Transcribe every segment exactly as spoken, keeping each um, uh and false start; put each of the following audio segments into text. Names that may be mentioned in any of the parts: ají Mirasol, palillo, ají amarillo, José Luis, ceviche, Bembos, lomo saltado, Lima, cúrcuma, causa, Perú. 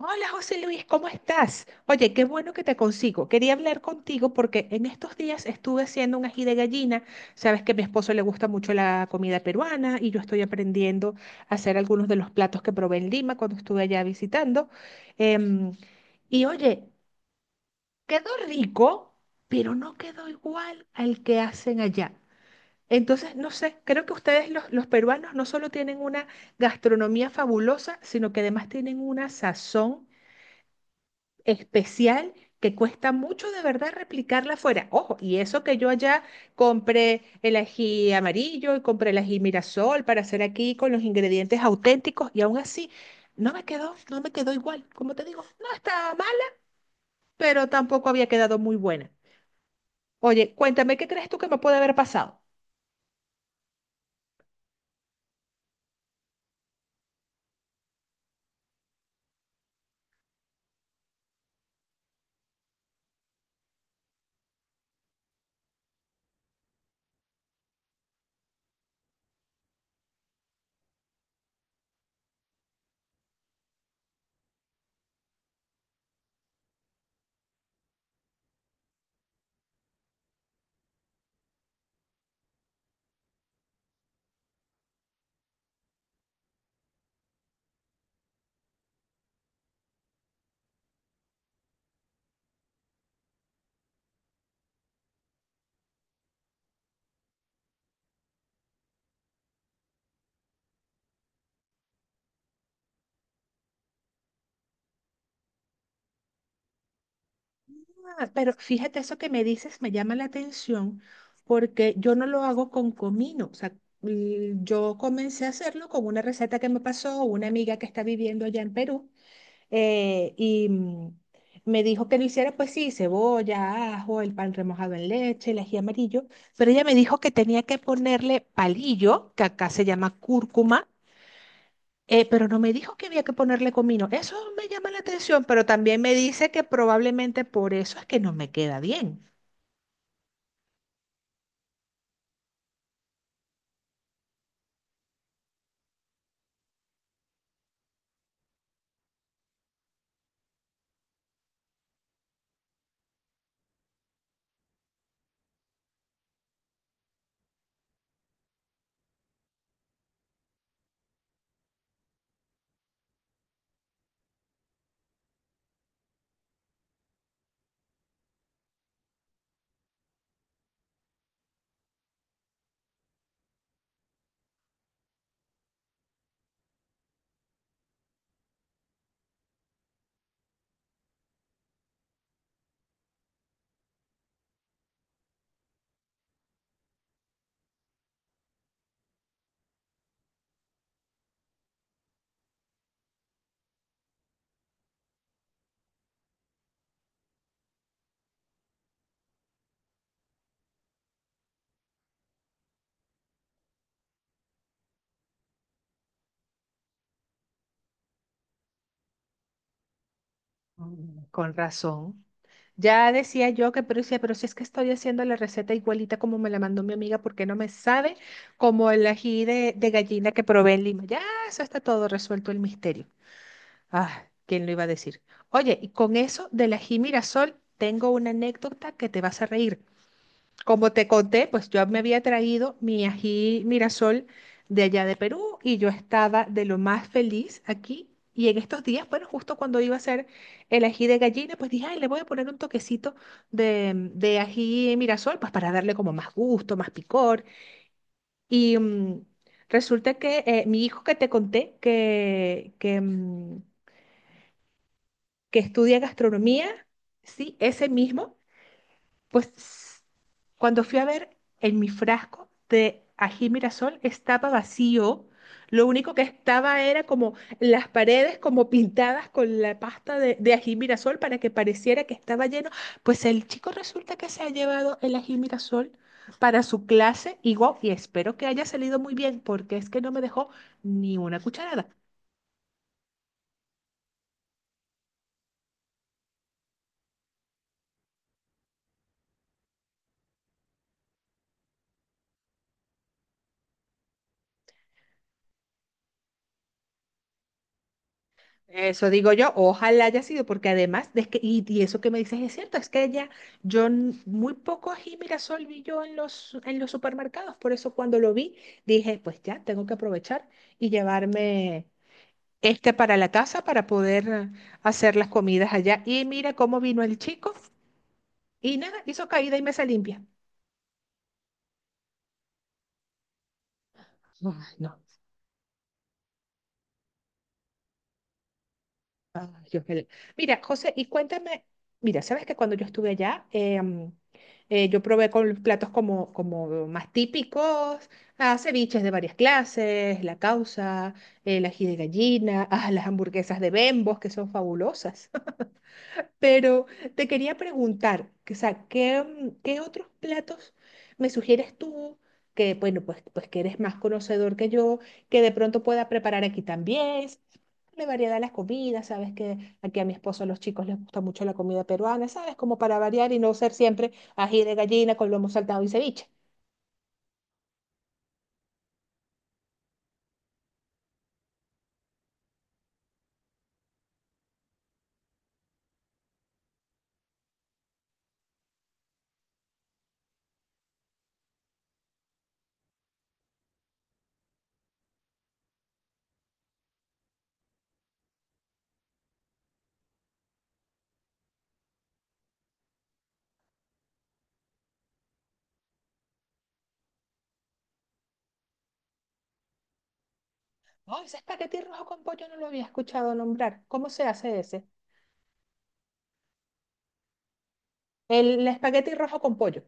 Hola José Luis, ¿cómo estás? Oye, qué bueno que te consigo. Quería hablar contigo porque en estos días estuve haciendo un ají de gallina. Sabes que a mi esposo le gusta mucho la comida peruana y yo estoy aprendiendo a hacer algunos de los platos que probé en Lima cuando estuve allá visitando. Em, y oye, quedó rico, pero no quedó igual al que hacen allá. Entonces, no sé, creo que ustedes los, los peruanos no solo tienen una gastronomía fabulosa, sino que además tienen una sazón especial que cuesta mucho de verdad replicarla afuera. Ojo, y eso que yo allá compré el ají amarillo y compré el ají Mirasol para hacer aquí con los ingredientes auténticos y aún así no me quedó, no me quedó igual. Como te digo, no estaba mal, pero tampoco había quedado muy buena. Oye, cuéntame, ¿qué crees tú que me puede haber pasado? Ah, pero fíjate, eso que me dices me llama la atención porque yo no lo hago con comino. O sea, l- yo comencé a hacerlo con una receta que me pasó una amiga que está viviendo allá en Perú, eh, y mm, me dijo que lo hiciera, pues sí, cebolla, ajo, el pan remojado en leche, el ají amarillo, pero ella me dijo que tenía que ponerle palillo, que acá se llama cúrcuma, eh, pero no me dijo que había que ponerle comino. Eso me llama la atención, pero también me dice que probablemente por eso es que no me queda bien. Mm, con razón. Ya decía yo que, pero decía, pero si es que estoy haciendo la receta igualita como me la mandó mi amiga, ¿por qué no me sabe como el ají de, de gallina que probé en Lima? Ya, eso está todo resuelto el misterio. Ah, ¿quién lo iba a decir? Oye, y con eso del ají Mirasol, tengo una anécdota que te vas a reír. Como te conté, pues yo me había traído mi ají Mirasol de allá de Perú y yo estaba de lo más feliz aquí. Y en estos días, bueno, justo cuando iba a hacer el ají de gallina, pues dije, ay, le voy a poner un toquecito de, de ají Mirasol, pues para darle como más gusto, más picor. Y mm, Resulta que eh, mi hijo que te conté, que, que, mm, que estudia gastronomía, sí, ese mismo, pues cuando fui a ver en mi frasco de ají mirasol estaba vacío. Lo único que estaba era como las paredes como pintadas con la pasta de, de ají mirasol para que pareciera que estaba lleno. Pues el chico resulta que se ha llevado el ají mirasol para su clase y guau, y espero que haya salido muy bien porque es que no me dejó ni una cucharada. Eso digo yo, ojalá haya sido, porque además, de que, y, y eso que me dices es cierto, es que ella, yo n- muy poco ají Mirasol vi yo en los, en los supermercados, por eso cuando lo vi dije, pues ya, tengo que aprovechar y llevarme este para la casa para poder eh, hacer las comidas allá. Y mira cómo vino el chico y nada, hizo caída y mesa limpia. Ay, no. Ay, Dios mío. Mira, José, y cuéntame, mira, sabes que cuando yo estuve allá, em, eh, yo probé con platos como, como más típicos, ah, ceviches de varias clases, la causa, el ají de gallina, ah, las hamburguesas de Bembos, que son fabulosas. Pero te quería preguntar, que, o sea, ¿qué, mm, ¿qué otros platos me sugieres tú? Que bueno, pues, pues que eres más conocedor que yo, que de pronto pueda preparar aquí también darle variedad a las comidas, sabes que aquí a mi esposo, a los chicos les gusta mucho la comida peruana, sabes, como para variar y no ser siempre ají de gallina con lomo saltado y ceviche. Oh, ese espagueti rojo con pollo no lo había escuchado nombrar. ¿Cómo se hace ese? El, espagueti rojo con pollo.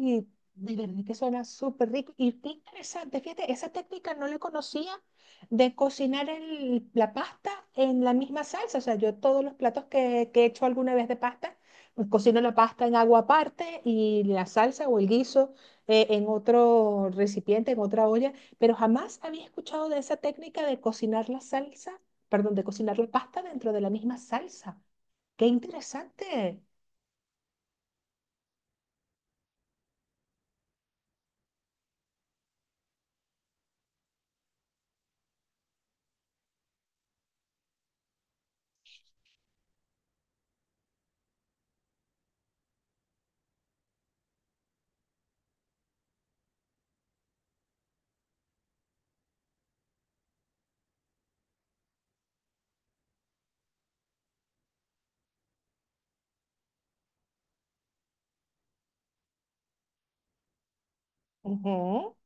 Y de verdad que suena súper rico. Y qué interesante, fíjate, esa técnica no la conocía de cocinar el- la pasta en la misma salsa. O sea, yo todos los platos que, que he hecho alguna vez de pasta, pues cocino la pasta en agua aparte y la salsa o el guiso eh, en otro recipiente, en otra olla. Pero jamás había escuchado de esa técnica de cocinar la salsa, perdón, de cocinar la pasta dentro de la misma salsa. Qué interesante. Ujú.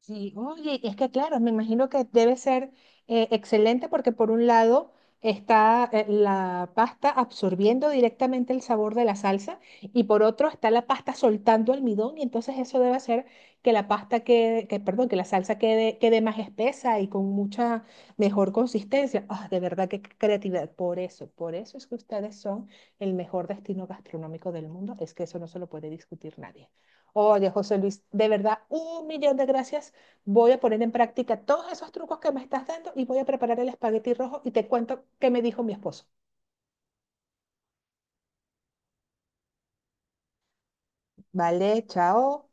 Sí, oye, es que claro, me imagino que debe ser eh, excelente porque por un lado está eh, la pasta absorbiendo directamente el sabor de la salsa y por otro está la pasta soltando almidón y entonces eso debe hacer que la pasta quede, que, perdón, que la salsa quede, quede más espesa y con mucha mejor consistencia. Ah, de verdad, qué creatividad. Por eso, por eso es que ustedes son el mejor destino gastronómico del mundo. Es que eso no se lo puede discutir nadie. Oye, José Luis, de verdad, un millón de gracias. Voy a poner en práctica todos esos trucos que me estás dando y voy a preparar el espagueti rojo y te cuento qué me dijo mi esposo. Vale, chao.